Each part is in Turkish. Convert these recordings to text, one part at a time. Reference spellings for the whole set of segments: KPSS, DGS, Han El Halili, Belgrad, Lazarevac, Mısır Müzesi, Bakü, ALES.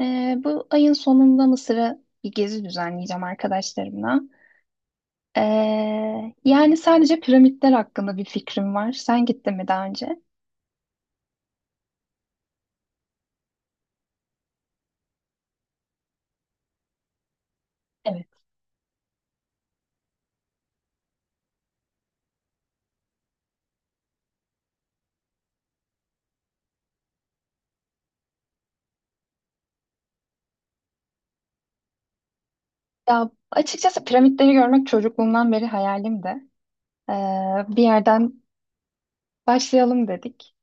Bu ayın sonunda Mısır'a bir gezi düzenleyeceğim arkadaşlarımla. Yani sadece piramitler hakkında bir fikrim var. Sen gittin mi daha önce? Evet. Ya açıkçası piramitleri görmek çocukluğumdan beri hayalimdi. Ee, Bir yerden başlayalım dedik.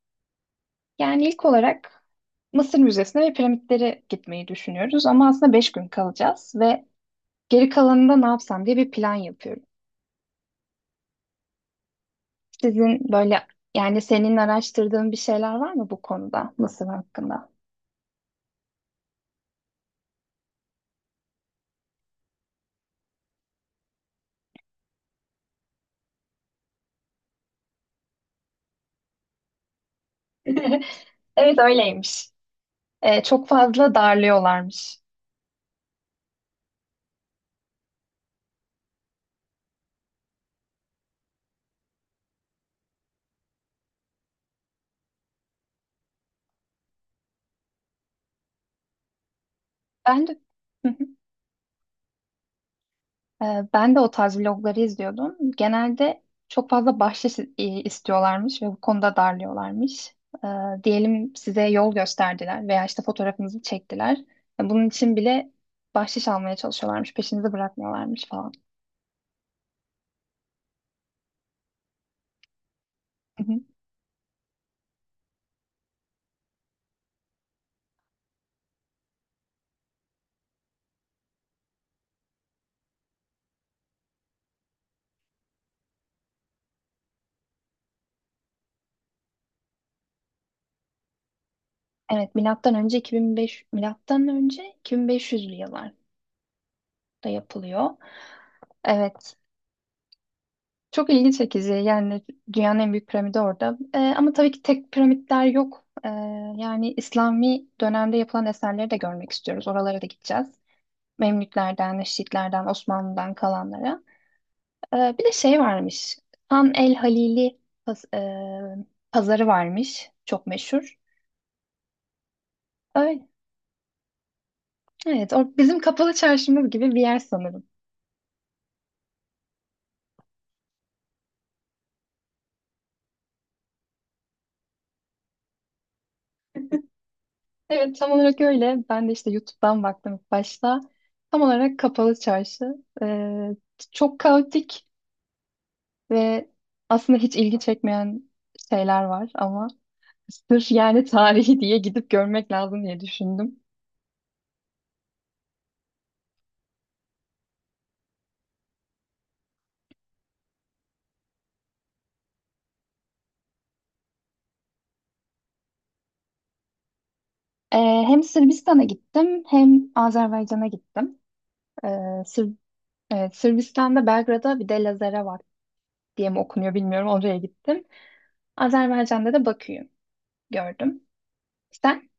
Yani ilk olarak Mısır Müzesi'ne ve piramitleri gitmeyi düşünüyoruz. Ama aslında beş gün kalacağız ve geri kalanında ne yapsam diye bir plan yapıyoruz. Sizin böyle, yani senin araştırdığın bir şeyler var mı bu konuda Mısır hakkında? Evet, öyleymiş. Çok fazla darlıyorlarmış. Ben de. Hı hı. Ben de o tarz vlogları izliyordum. Genelde çok fazla bahşiş istiyorlarmış ve bu konuda darlıyorlarmış. Ee, Diyelim size yol gösterdiler veya işte fotoğrafınızı çektiler. Bunun için bile bahşiş almaya çalışıyorlarmış, peşinizi bırakmıyorlarmış falan. Evet, milattan önce 2005, milattan önce 2500'lü yıllarda yapılıyor. Evet. Çok ilginç çekici. Yani dünyanın en büyük piramidi orada. Ama tabii ki tek piramitler yok. Yani İslami dönemde yapılan eserleri de görmek istiyoruz. Oralara da gideceğiz. Memlüklerden, Neşitlerden, Osmanlı'dan kalanlara. Bir de şey varmış. Han El Halili paz- e, pazarı varmış. Çok meşhur. Öyle. Evet, o bizim kapalı çarşımız gibi bir yer sanırım. Evet, tam olarak öyle. Ben de işte YouTube'dan baktım ilk başta. Tam olarak kapalı çarşı. Ee, Çok kaotik ve aslında hiç ilgi çekmeyen şeyler var ama sırf yani tarihi diye gidip görmek lazım diye düşündüm. Ee, Hem Sırbistan'a gittim hem Azerbaycan'a gittim. Sır evet, Sırbistan'da Belgrad'a bir de Lazarevac diye mi okunuyor bilmiyorum, oraya gittim. Azerbaycan'da da Bakü'yü gördüm. Sen?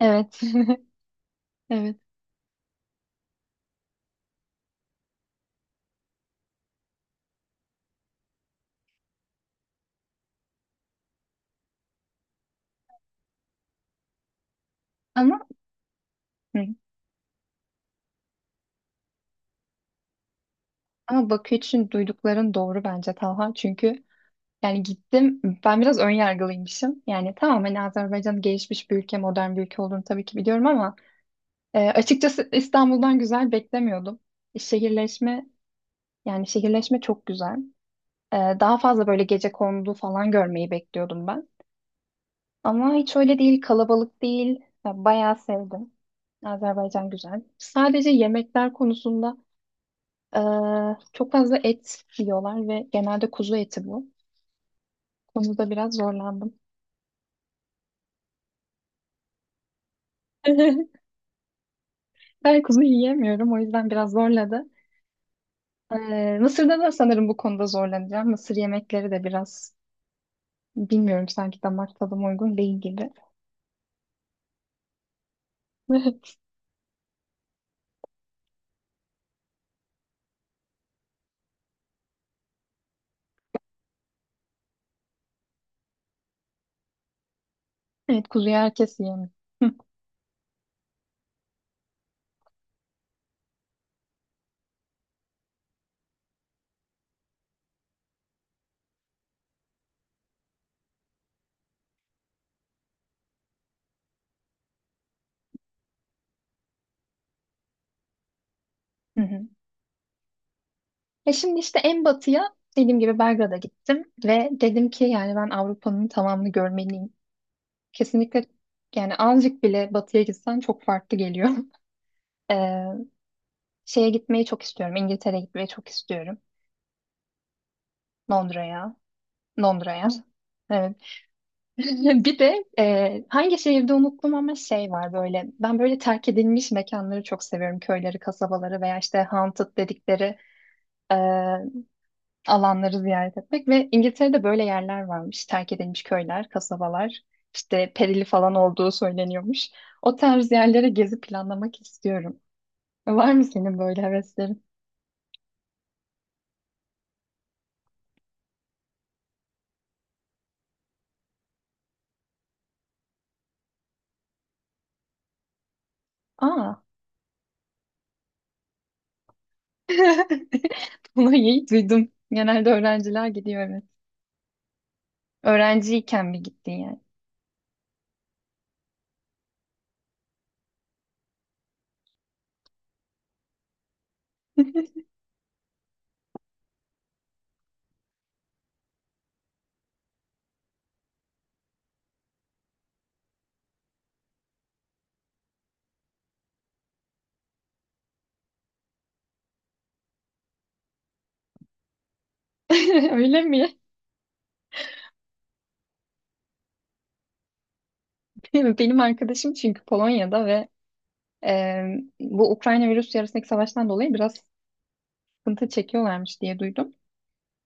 Evet. Evet. Ama hı. Ama Bakü için duydukların doğru bence Talha. Çünkü yani gittim, ben biraz ön yargılıymışım. Yani tamam, hani Azerbaycan gelişmiş bir ülke, modern bir ülke olduğunu tabii ki biliyorum ama açıkçası İstanbul'dan güzel beklemiyordum. Şehirleşme Yani şehirleşme çok güzel. Daha fazla böyle gecekondu falan görmeyi bekliyordum ben. Ama hiç öyle değil, kalabalık değil. Ya, bayağı sevdim. Azerbaycan güzel. Sadece yemekler konusunda çok fazla et yiyorlar ve genelde kuzu eti bu. Konuda biraz zorlandım. Ben kuzu yiyemiyorum, o yüzden biraz zorladı. Mısır'da da sanırım bu konuda zorlanacağım. Mısır yemekleri de biraz bilmiyorum, sanki damak tadıma uygun değil gibi. Evet, kuzuyu herkes yiyemiyor. E şimdi işte en batıya dediğim gibi Belgrad'a gittim ve dedim ki yani ben Avrupa'nın tamamını görmeliyim. Kesinlikle, yani azıcık bile batıya gitsen çok farklı geliyor. Ee, Şeye gitmeyi çok istiyorum. İngiltere'ye gitmeyi çok istiyorum. Londra'ya. Londra'ya. Evet. Bir de hangi şehirde unuttum ama şey var böyle. Ben böyle terk edilmiş mekanları çok seviyorum. Köyleri, kasabaları veya işte haunted dedikleri e, alanları ziyaret etmek ve İngiltere'de böyle yerler varmış. Terk edilmiş köyler, kasabalar, işte perili falan olduğu söyleniyormuş. O tarz yerlere gezi planlamak istiyorum. Var mı senin böyle heveslerin? Aa. Bunu iyi duydum. Genelde öğrenciler gidiyor, evet. Öğrenciyken bir gittin yani. Öyle mi? Benim arkadaşım çünkü Polonya'da ve e, bu Ukrayna ve Rusya arasındaki savaştan dolayı biraz sıkıntı çekiyorlarmış diye duydum.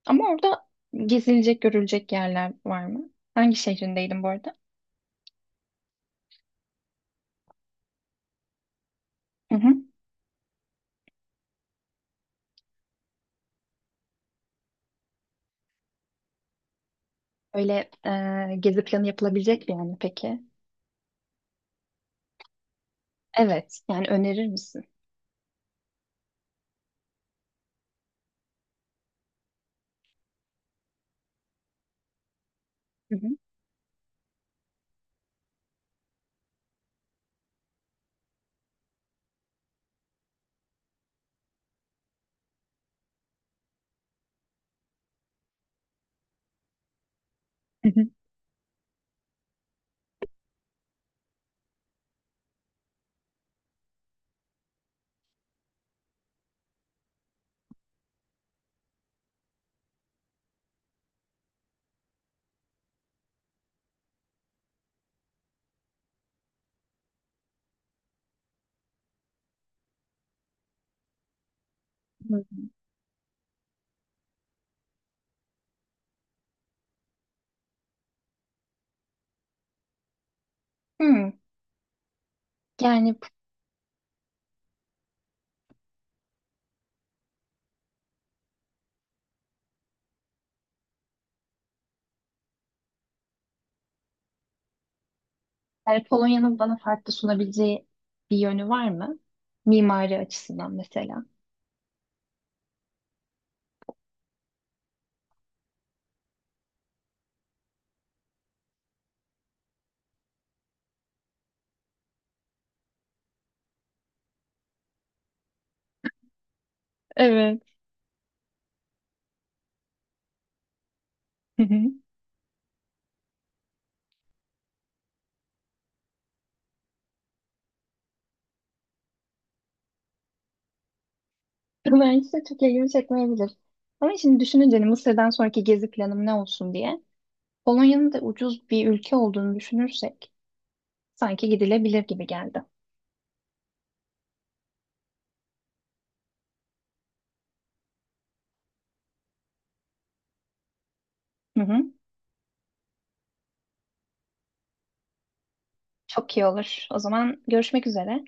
Ama orada gezilecek, görülecek yerler var mı? Hangi şehrindeydin bu arada? Hı hı. Öyle gezi planı yapılabilecek bir yer mi peki? Evet, yani önerir misin? Hı hı. Hı hı. Hı. Hmm. Yani, yani Polonya'nın bana farklı sunabileceği bir yönü var mı? Mimari açısından mesela. Evet. Hı hı. Belki de çok ilgimi çekmeyebilir. Ama şimdi düşününce hani Mısır'dan sonraki gezi planım ne olsun diye, Polonya'nın da ucuz bir ülke olduğunu düşünürsek sanki gidilebilir gibi geldi. Hı hı. Çok iyi olur. O zaman görüşmek üzere.